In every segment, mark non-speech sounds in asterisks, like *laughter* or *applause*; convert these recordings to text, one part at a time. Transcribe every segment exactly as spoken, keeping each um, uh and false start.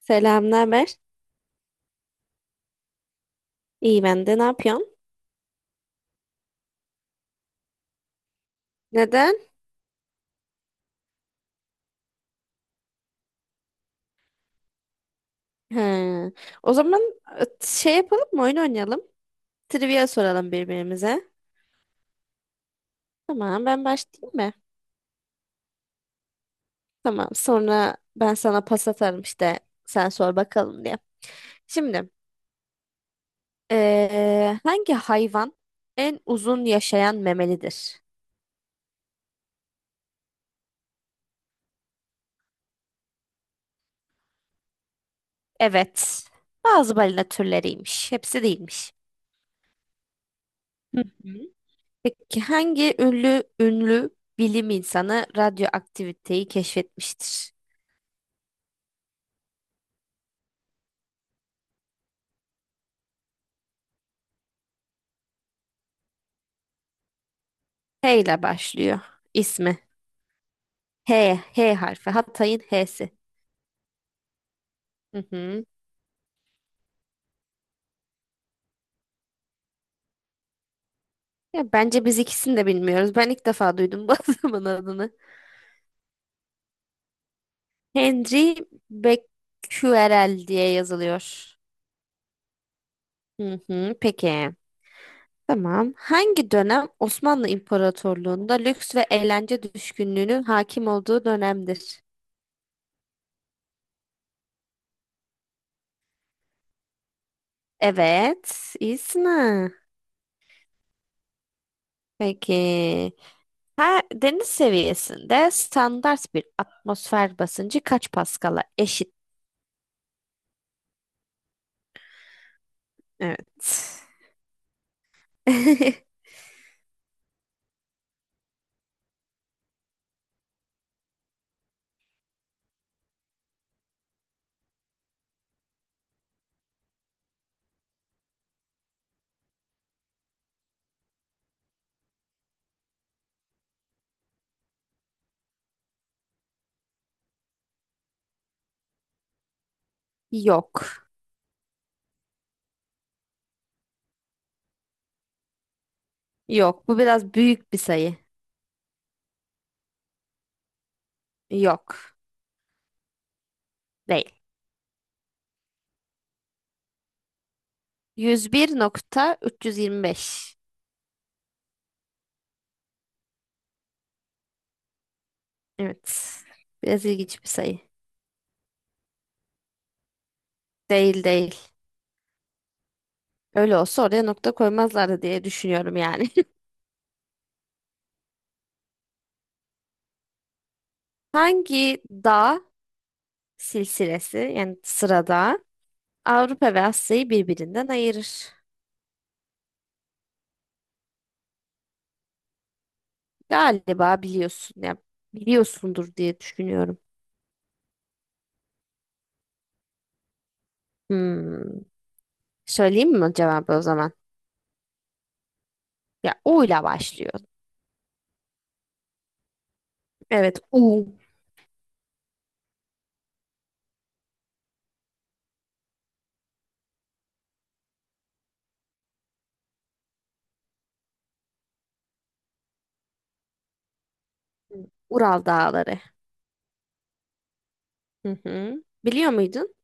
Selam, ne haber? İyi ben de. Ne yapıyorsun? Neden? He. O zaman e, şey yapalım mı? Oyun oynayalım. Trivia soralım birbirimize. Tamam, ben başlayayım mı? Tamam, sonra ben sana pas atarım işte. Sen sor bakalım diye. Şimdi, eee, hangi hayvan en uzun yaşayan memelidir? Evet, bazı balina türleriymiş. Hepsi değilmiş. Hı hı. Peki hangi ünlü ünlü bilim insanı radyoaktiviteyi keşfetmiştir? H ile başlıyor ismi. H, H harfi. Hatay'ın H'si. Hı hı. Ya bence biz ikisini de bilmiyoruz. Ben ilk defa duydum bu *laughs* adamın adını. Henry Becquerel diye yazılıyor. Hı hı. Peki. Tamam. Hangi dönem Osmanlı İmparatorluğu'nda lüks ve eğlence düşkünlüğünün hakim olduğu dönemdir? Evet. İyisin. Peki. Her deniz seviyesinde standart bir atmosfer basıncı kaç paskala eşit? Evet. *laughs* Yok. Yok. Bu biraz büyük bir sayı. Yok. Değil. Yüz yüz bir nokta üç yüz yirmi beş. Evet. Biraz ilginç bir sayı. Değil değil. Öyle olsa oraya nokta koymazlardı diye düşünüyorum yani. *laughs* Hangi dağ silsilesi yani sırada Avrupa ve Asya'yı birbirinden ayırır? Galiba biliyorsun ya, biliyorsundur diye düşünüyorum. Hmm. Söyleyeyim mi cevabı o zaman? Ya O ile başlıyor. Evet, U. Ural Dağları. Hı hı. Biliyor muydun?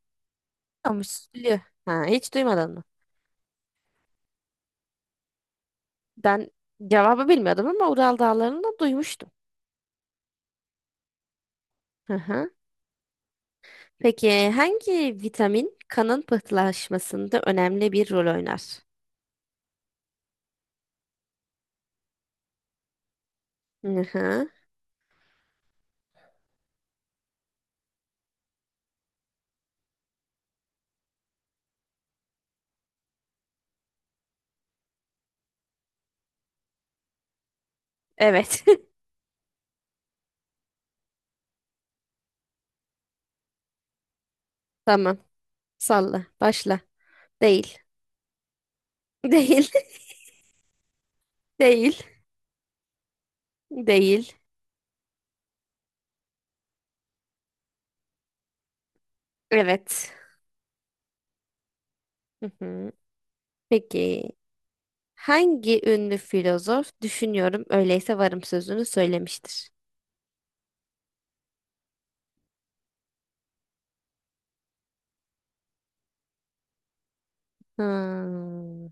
Tamız. Biliyor. Ha, hiç duymadın mı? Ben cevabı bilmiyordum ama Ural Dağları'nı da duymuştum. Hı hı. Peki hangi vitamin kanın pıhtılaşmasında önemli bir rol oynar? Hı hı. Evet. *laughs* Tamam. Salla. Başla. Değil. *laughs* Değil. Değil. Değil. Evet. Hı hı. Peki hangi ünlü filozof düşünüyorum öyleyse varım sözünü söylemiştir? Hmm.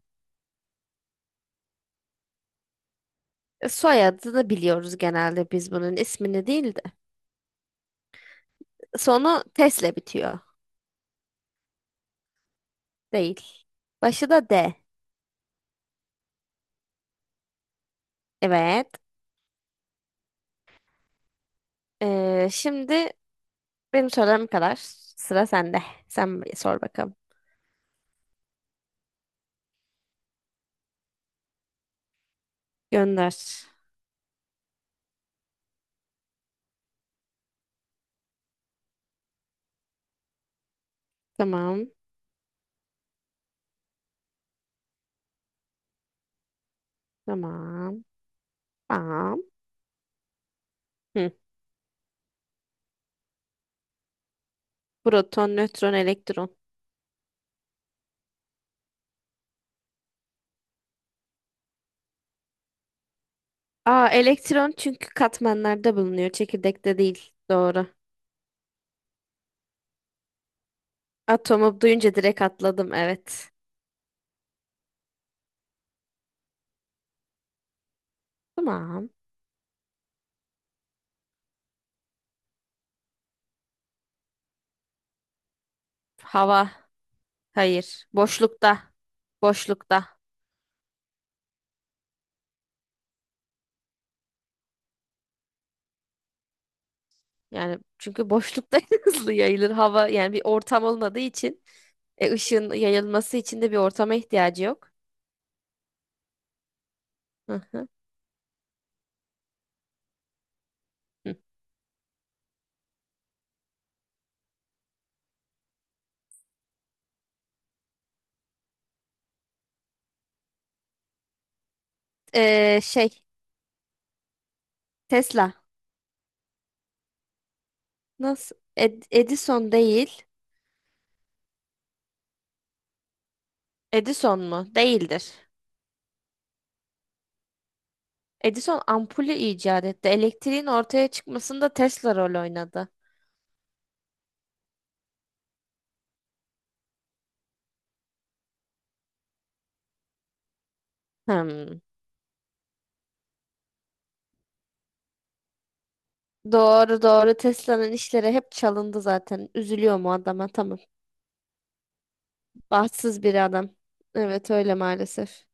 Soyadını biliyoruz genelde biz bunun ismini değil de. Sonu tesle bitiyor. Değil. Başı da D. Evet. Ee, şimdi benim sorularım kadar. Sıra sende. Sen bir sor bakalım. Gönder. Tamam. Tamam. Tamam. Hı. Proton, nötron, elektron. Aa, elektron çünkü katmanlarda bulunuyor. Çekirdekte değil. Doğru. Atomu duyunca direkt atladım. Evet. Tamam. Hava. Hayır. Boşlukta. Boşlukta. Yani çünkü boşlukta *laughs* hızlı yayılır hava. Yani bir ortam olmadığı için e, ışığın yayılması için de bir ortama ihtiyacı yok. Hı hı. Hı. Ee, şey Tesla. Nasıl? Ed- Edison değil. Edison mu? Değildir. Edison ampulü icat etti. Elektriğin ortaya çıkmasında Tesla rol oynadı. Hmm. Doğru doğru Tesla'nın işleri hep çalındı zaten. Üzülüyor mu adama? Tamam. Bahtsız bir adam. Evet öyle maalesef.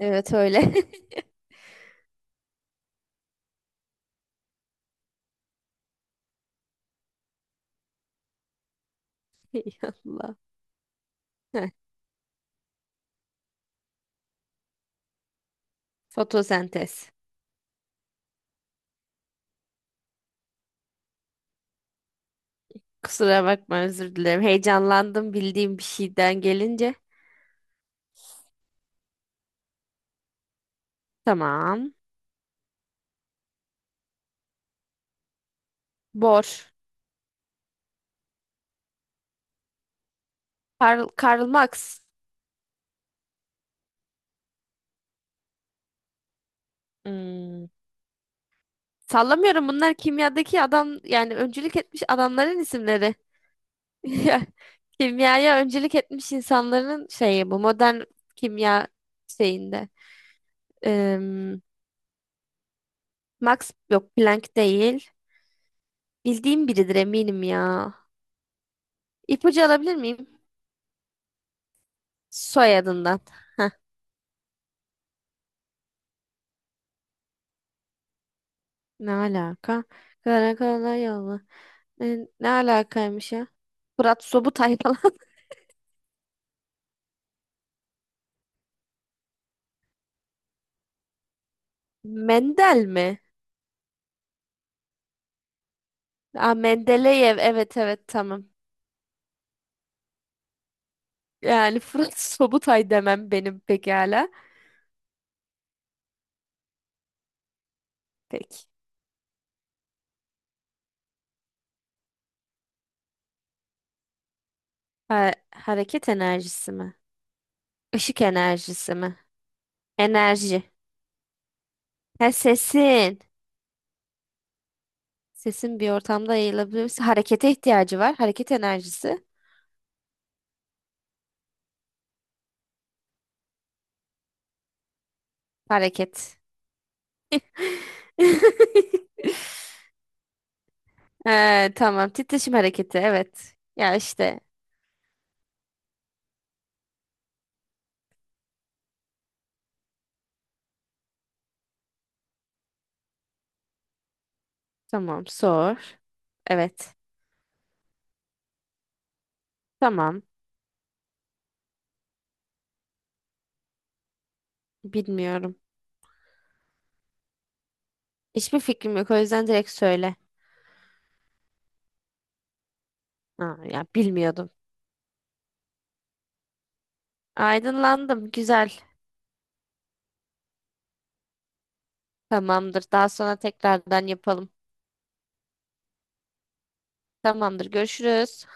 Evet öyle. *laughs* Ey Allah. Heh, fotosentez. Kusura bakma özür dilerim. Heyecanlandım bildiğim bir şeyden gelince. Tamam. Bor. Karl, Karl Marx. Hmm. Sallamıyorum bunlar kimyadaki adam yani öncülük etmiş adamların isimleri. *laughs* Ya, kimyaya öncülük etmiş insanların şeyi bu modern kimya şeyinde. Em, Max yok Planck değil. Bildiğim biridir eminim ya. İpucu alabilir miyim? Soyadından. Ne alaka? Karakala yolu. Ne, ne alakaymış ya? Fırat Sobutay falan. *laughs* Mendel mi? Aa, Mendeleyev. Evet evet tamam. Yani Fırat *laughs* Sobutay demem benim pekala. Peki. Ha- hareket enerjisi mi? Işık enerjisi mi? Enerji. Ha, sesin. Sesin bir ortamda yayılabilir. Harekete ihtiyacı var. Hareket enerjisi. Hareket. *laughs* Ee, tamam. Titreşim hareketi. Evet. Ya işte. Tamam. Sor. Evet. Tamam. Bilmiyorum. Hiçbir fikrim yok. O yüzden direkt söyle. Ha, ya bilmiyordum. Aydınlandım. Güzel. Tamamdır. Daha sonra tekrardan yapalım. Tamamdır. Görüşürüz.